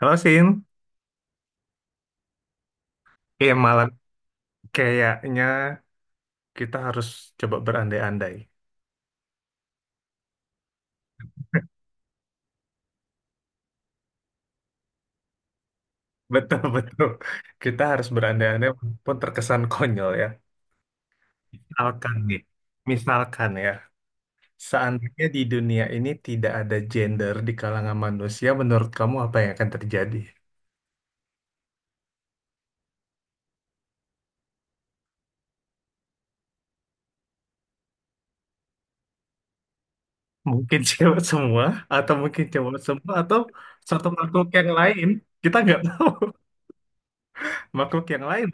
Halo Sin, eh, malam. Kayaknya kita harus coba berandai-andai. Betul, betul. Kita harus berandai-andai pun terkesan konyol ya. Misalkan nih, misalkan ya, seandainya di dunia ini tidak ada gender di kalangan manusia, menurut kamu apa yang akan terjadi? Mungkin cewek semua, atau mungkin cowok semua, atau satu makhluk yang lain, kita nggak tahu. Makhluk yang lain,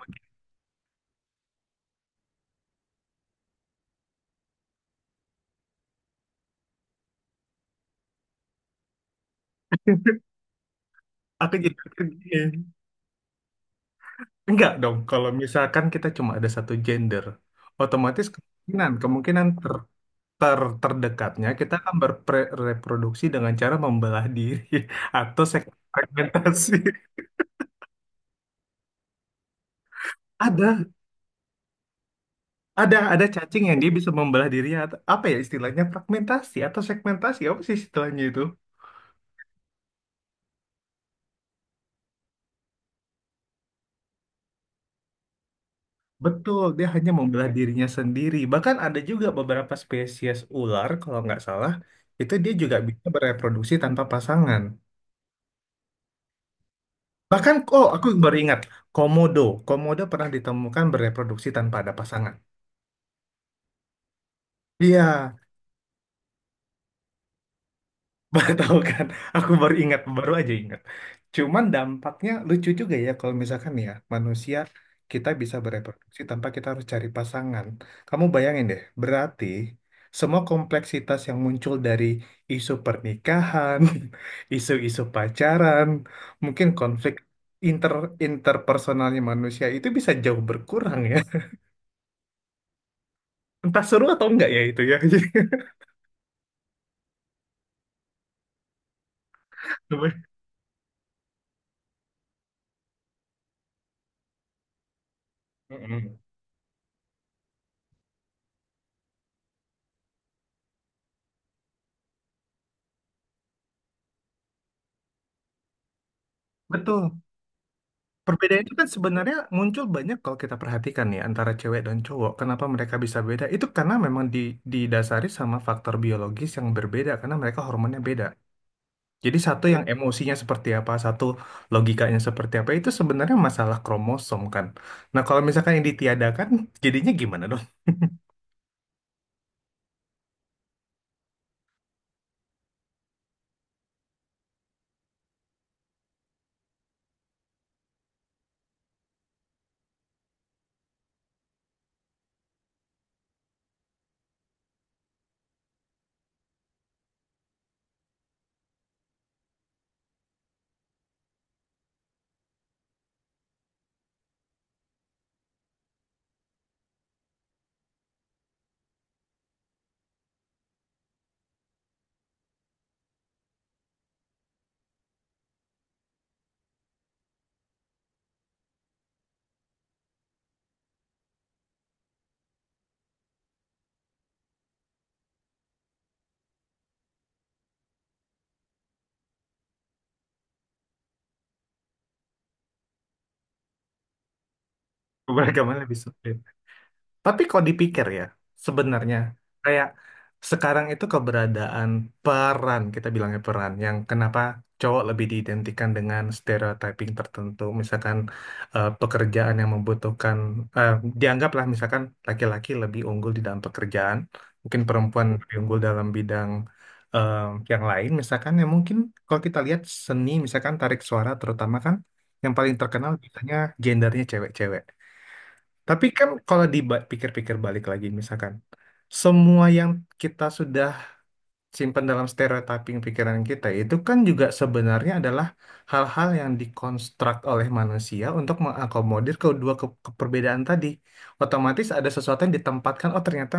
aku jadi gini. Enggak dong, kalau misalkan kita cuma ada satu gender, otomatis kemungkinan kemungkinan ter, terdekatnya kita akan berreproduksi dengan cara membelah diri atau segmentasi. Ada, ada, cacing yang dia bisa membelah diri, atau apa ya istilahnya, fragmentasi atau segmentasi, apa sih istilahnya itu? Betul, dia hanya membelah dirinya sendiri. Bahkan ada juga beberapa spesies ular kalau nggak salah itu dia juga bisa bereproduksi tanpa pasangan. Bahkan, oh aku baru ingat, komodo. Komodo pernah ditemukan bereproduksi tanpa ada pasangan. Iya, baru tahu kan. Aku baru ingat, baru aja ingat. Cuman dampaknya lucu juga ya kalau misalkan ya manusia kita bisa bereproduksi tanpa kita harus cari pasangan. Kamu bayangin deh, berarti semua kompleksitas yang muncul dari isu pernikahan, isu-isu pacaran, mungkin konflik inter interpersonalnya manusia itu bisa jauh berkurang ya. Entah seru atau enggak ya itu ya. Jadi, Mm-mm. Betul. Perbedaan itu kan sebenarnya muncul banyak kalau kita perhatikan ya, antara cewek dan cowok. Kenapa mereka bisa beda? Itu karena memang didasari sama faktor biologis yang berbeda karena mereka hormonnya beda. Jadi satu yang emosinya seperti apa, satu logikanya seperti apa, itu sebenarnya masalah kromosom kan. Nah kalau misalkan yang ditiadakan, jadinya gimana dong? Bagaimana lebih sulit? Tapi kalau dipikir ya, sebenarnya kayak sekarang itu keberadaan peran, kita bilangnya peran, yang kenapa cowok lebih diidentikan dengan stereotyping tertentu, misalkan pekerjaan yang membutuhkan, eh, dianggaplah misalkan laki-laki lebih unggul di dalam pekerjaan, mungkin perempuan lebih unggul dalam bidang eh, yang lain, misalkan ya mungkin kalau kita lihat seni, misalkan tarik suara terutama kan, yang paling terkenal biasanya gendernya cewek-cewek. Tapi kan kalau dipikir-pikir balik lagi, misalkan semua yang kita sudah simpan dalam stereotyping pikiran kita itu kan juga sebenarnya adalah hal-hal yang dikonstruk oleh manusia untuk mengakomodir kedua keperbedaan tadi. Otomatis ada sesuatu yang ditempatkan, oh ternyata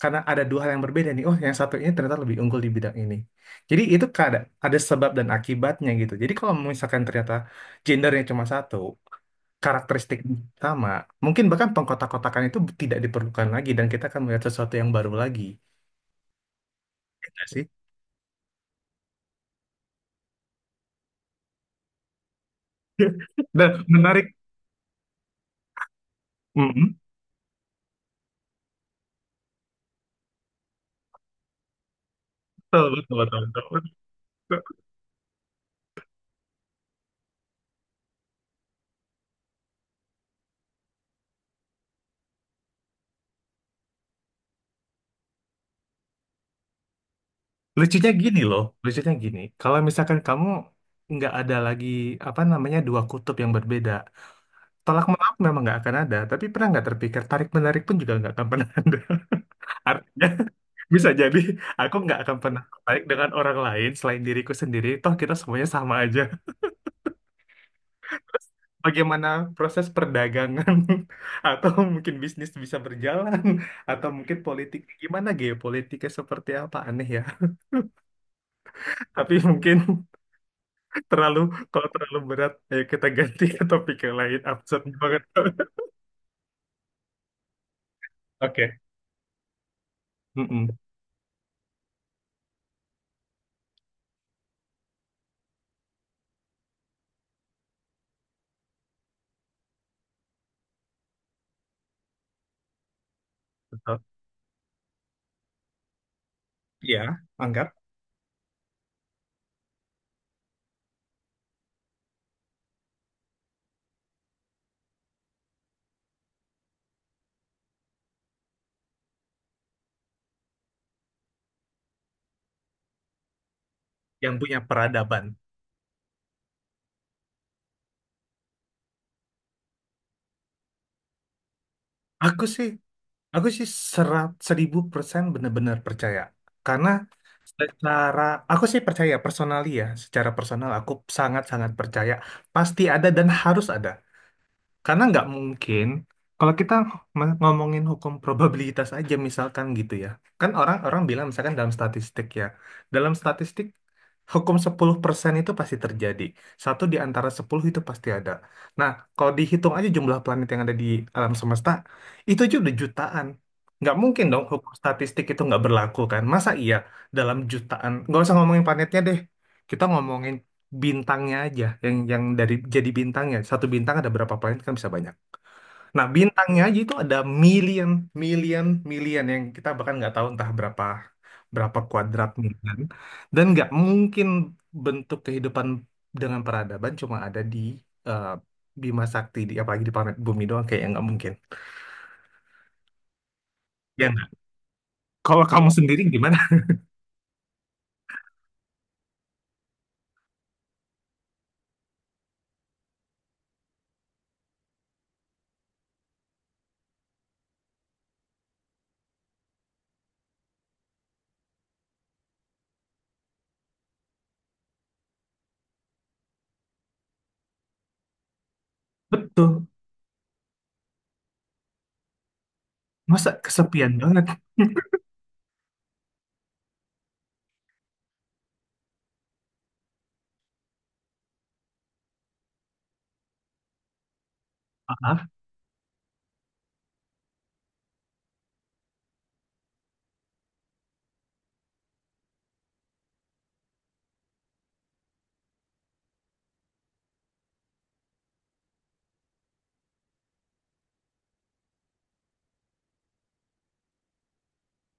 karena ada dua hal yang berbeda nih, oh yang satu ini ternyata lebih unggul di bidang ini. Jadi itu ada sebab dan akibatnya gitu. Jadi kalau misalkan ternyata gendernya cuma satu, karakteristik sama. Mungkin bahkan pengkotak-kotakan itu tidak diperlukan lagi dan kita akan melihat sesuatu yang baru lagi. Ya nggak sih? Dan menarik. Mm-mm. Betul, betul, betul, betul, betul. Lucunya gini loh, lucunya gini. Kalau misalkan kamu nggak ada lagi apa namanya dua kutub yang berbeda, tolak menolak memang nggak akan ada. Tapi pernah nggak terpikir, tarik menarik pun juga nggak akan pernah ada. Artinya bisa jadi aku nggak akan pernah tertarik dengan orang lain selain diriku sendiri. Toh kita semuanya sama aja. Bagaimana proses perdagangan atau mungkin bisnis bisa berjalan, atau mungkin politik, gimana geopolitiknya seperti apa, aneh ya. Tapi mungkin terlalu, kalau terlalu berat ayo kita ganti ke topik yang lain, absurd banget. Oke, Mm-mm. Betul ya, anggap yang punya peradaban. Aku sih Aku sih serat seribu persen benar-benar percaya. Karena secara, aku sih percaya personally ya, secara personal aku sangat-sangat percaya. Pasti ada dan harus ada, karena nggak mungkin kalau kita ngomongin hukum probabilitas aja misalkan gitu ya. Kan orang-orang bilang misalkan dalam statistik ya. Dalam statistik, hukum 10% itu pasti terjadi. Satu di antara 10 itu pasti ada. Nah, kalau dihitung aja jumlah planet yang ada di alam semesta, itu aja udah jutaan. Nggak mungkin dong hukum statistik itu nggak berlaku kan. Masa iya dalam jutaan, nggak usah ngomongin planetnya deh. Kita ngomongin bintangnya aja, yang dari, jadi bintangnya, satu bintang ada berapa planet kan bisa banyak. Nah bintangnya aja itu ada million million million yang kita bahkan nggak tahu entah berapa berapa kuadrat million. Dan nggak mungkin bentuk kehidupan dengan peradaban cuma ada di eh, Bima Sakti, di apalagi di planet bumi doang, kayak nggak mungkin. Ya nggak? Kalau kamu sendiri gimana? Betul, masa kesepian banget. Ah,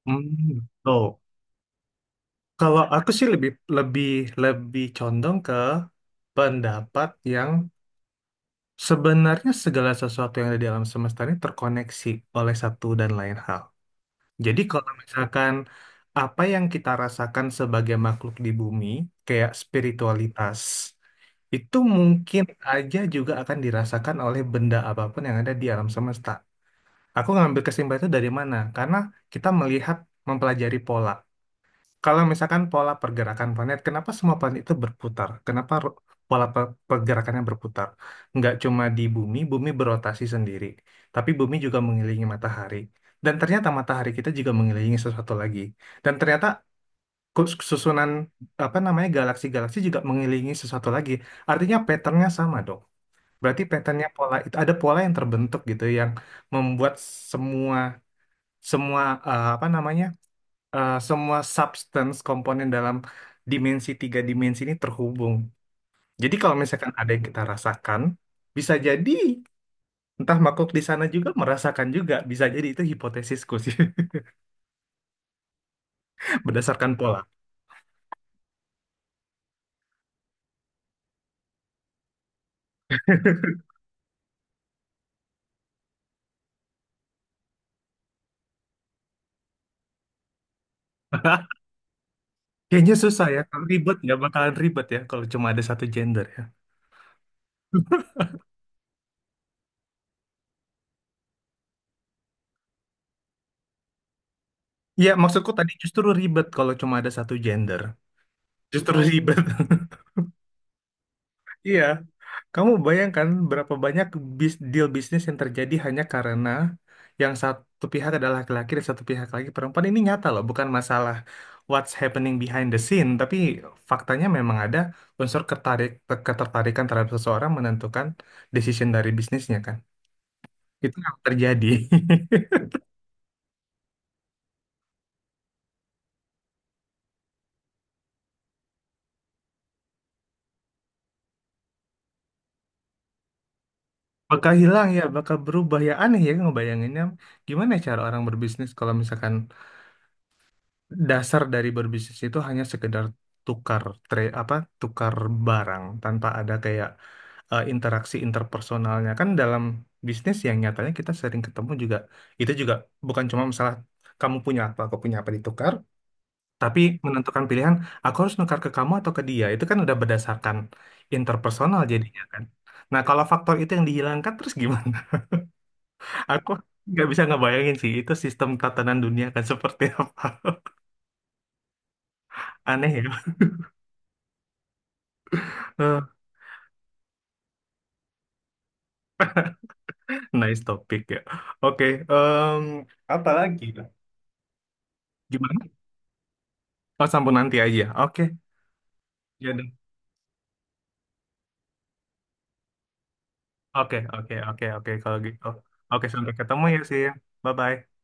hmm, tuh. Kalau aku sih lebih lebih lebih condong pendapat yang sebenarnya segala sesuatu yang ada di alam semesta ini terkoneksi oleh satu dan lain hal. Jadi kalau misalkan apa yang kita rasakan sebagai makhluk di bumi, kayak spiritualitas, itu mungkin aja juga akan dirasakan oleh benda apapun yang ada di alam semesta. Aku ngambil kesimpulan itu dari mana? Karena kita melihat, mempelajari pola. Kalau misalkan pola pergerakan planet, kenapa semua planet itu berputar? Kenapa pola pergerakannya berputar? Nggak cuma di bumi, bumi berotasi sendiri, tapi bumi juga mengelilingi matahari. Dan ternyata matahari kita juga mengelilingi sesuatu lagi. Dan ternyata susunan, apa namanya, galaksi-galaksi juga mengelilingi sesuatu lagi. Artinya patternnya sama dong. Berarti patternnya, pola itu, ada pola yang terbentuk gitu yang membuat semua semua apa namanya, semua substance komponen dalam tiga dimensi ini terhubung. Jadi kalau misalkan ada yang kita rasakan, bisa jadi entah makhluk di sana juga merasakan juga. Bisa jadi itu hipotesisku sih, berdasarkan pola. Kayaknya susah ya, kalau ribet ya bakalan ribet ya kalau cuma ada satu gender ya. Iya, maksudku tadi justru ribet kalau cuma ada satu gender. Justru ribet. Iya. Kamu bayangkan berapa banyak deal bisnis yang terjadi hanya karena yang satu pihak adalah laki-laki dan satu pihak lagi perempuan. Ini nyata loh, bukan masalah what's happening behind the scene, tapi faktanya memang ada unsur ketertarikan terhadap seseorang menentukan decision dari bisnisnya kan. Itu yang terjadi. Bakal hilang ya, bakal berubah ya. Aneh ya ngebayanginnya. Gimana cara orang berbisnis kalau misalkan dasar dari berbisnis itu hanya sekedar tukar, trade apa, tukar barang, tanpa ada kayak interaksi interpersonalnya kan, dalam bisnis yang nyatanya kita sering ketemu juga, itu juga bukan cuma masalah kamu punya apa aku punya apa ditukar, tapi menentukan pilihan aku harus nukar ke kamu atau ke dia, itu kan udah berdasarkan interpersonal jadinya kan. Nah kalau faktor itu yang dihilangkan terus gimana? Aku nggak bisa ngebayangin sih itu sistem tatanan dunia kan seperti apa. Aneh ya. Nice topik ya. Oke, em, apa lagi? Gimana? Oh, sambung nanti aja. Oke, ya udah. Oke, oke, oke, oke. Kalau gitu. Oke, sampai ketemu ya sih. Bye-bye.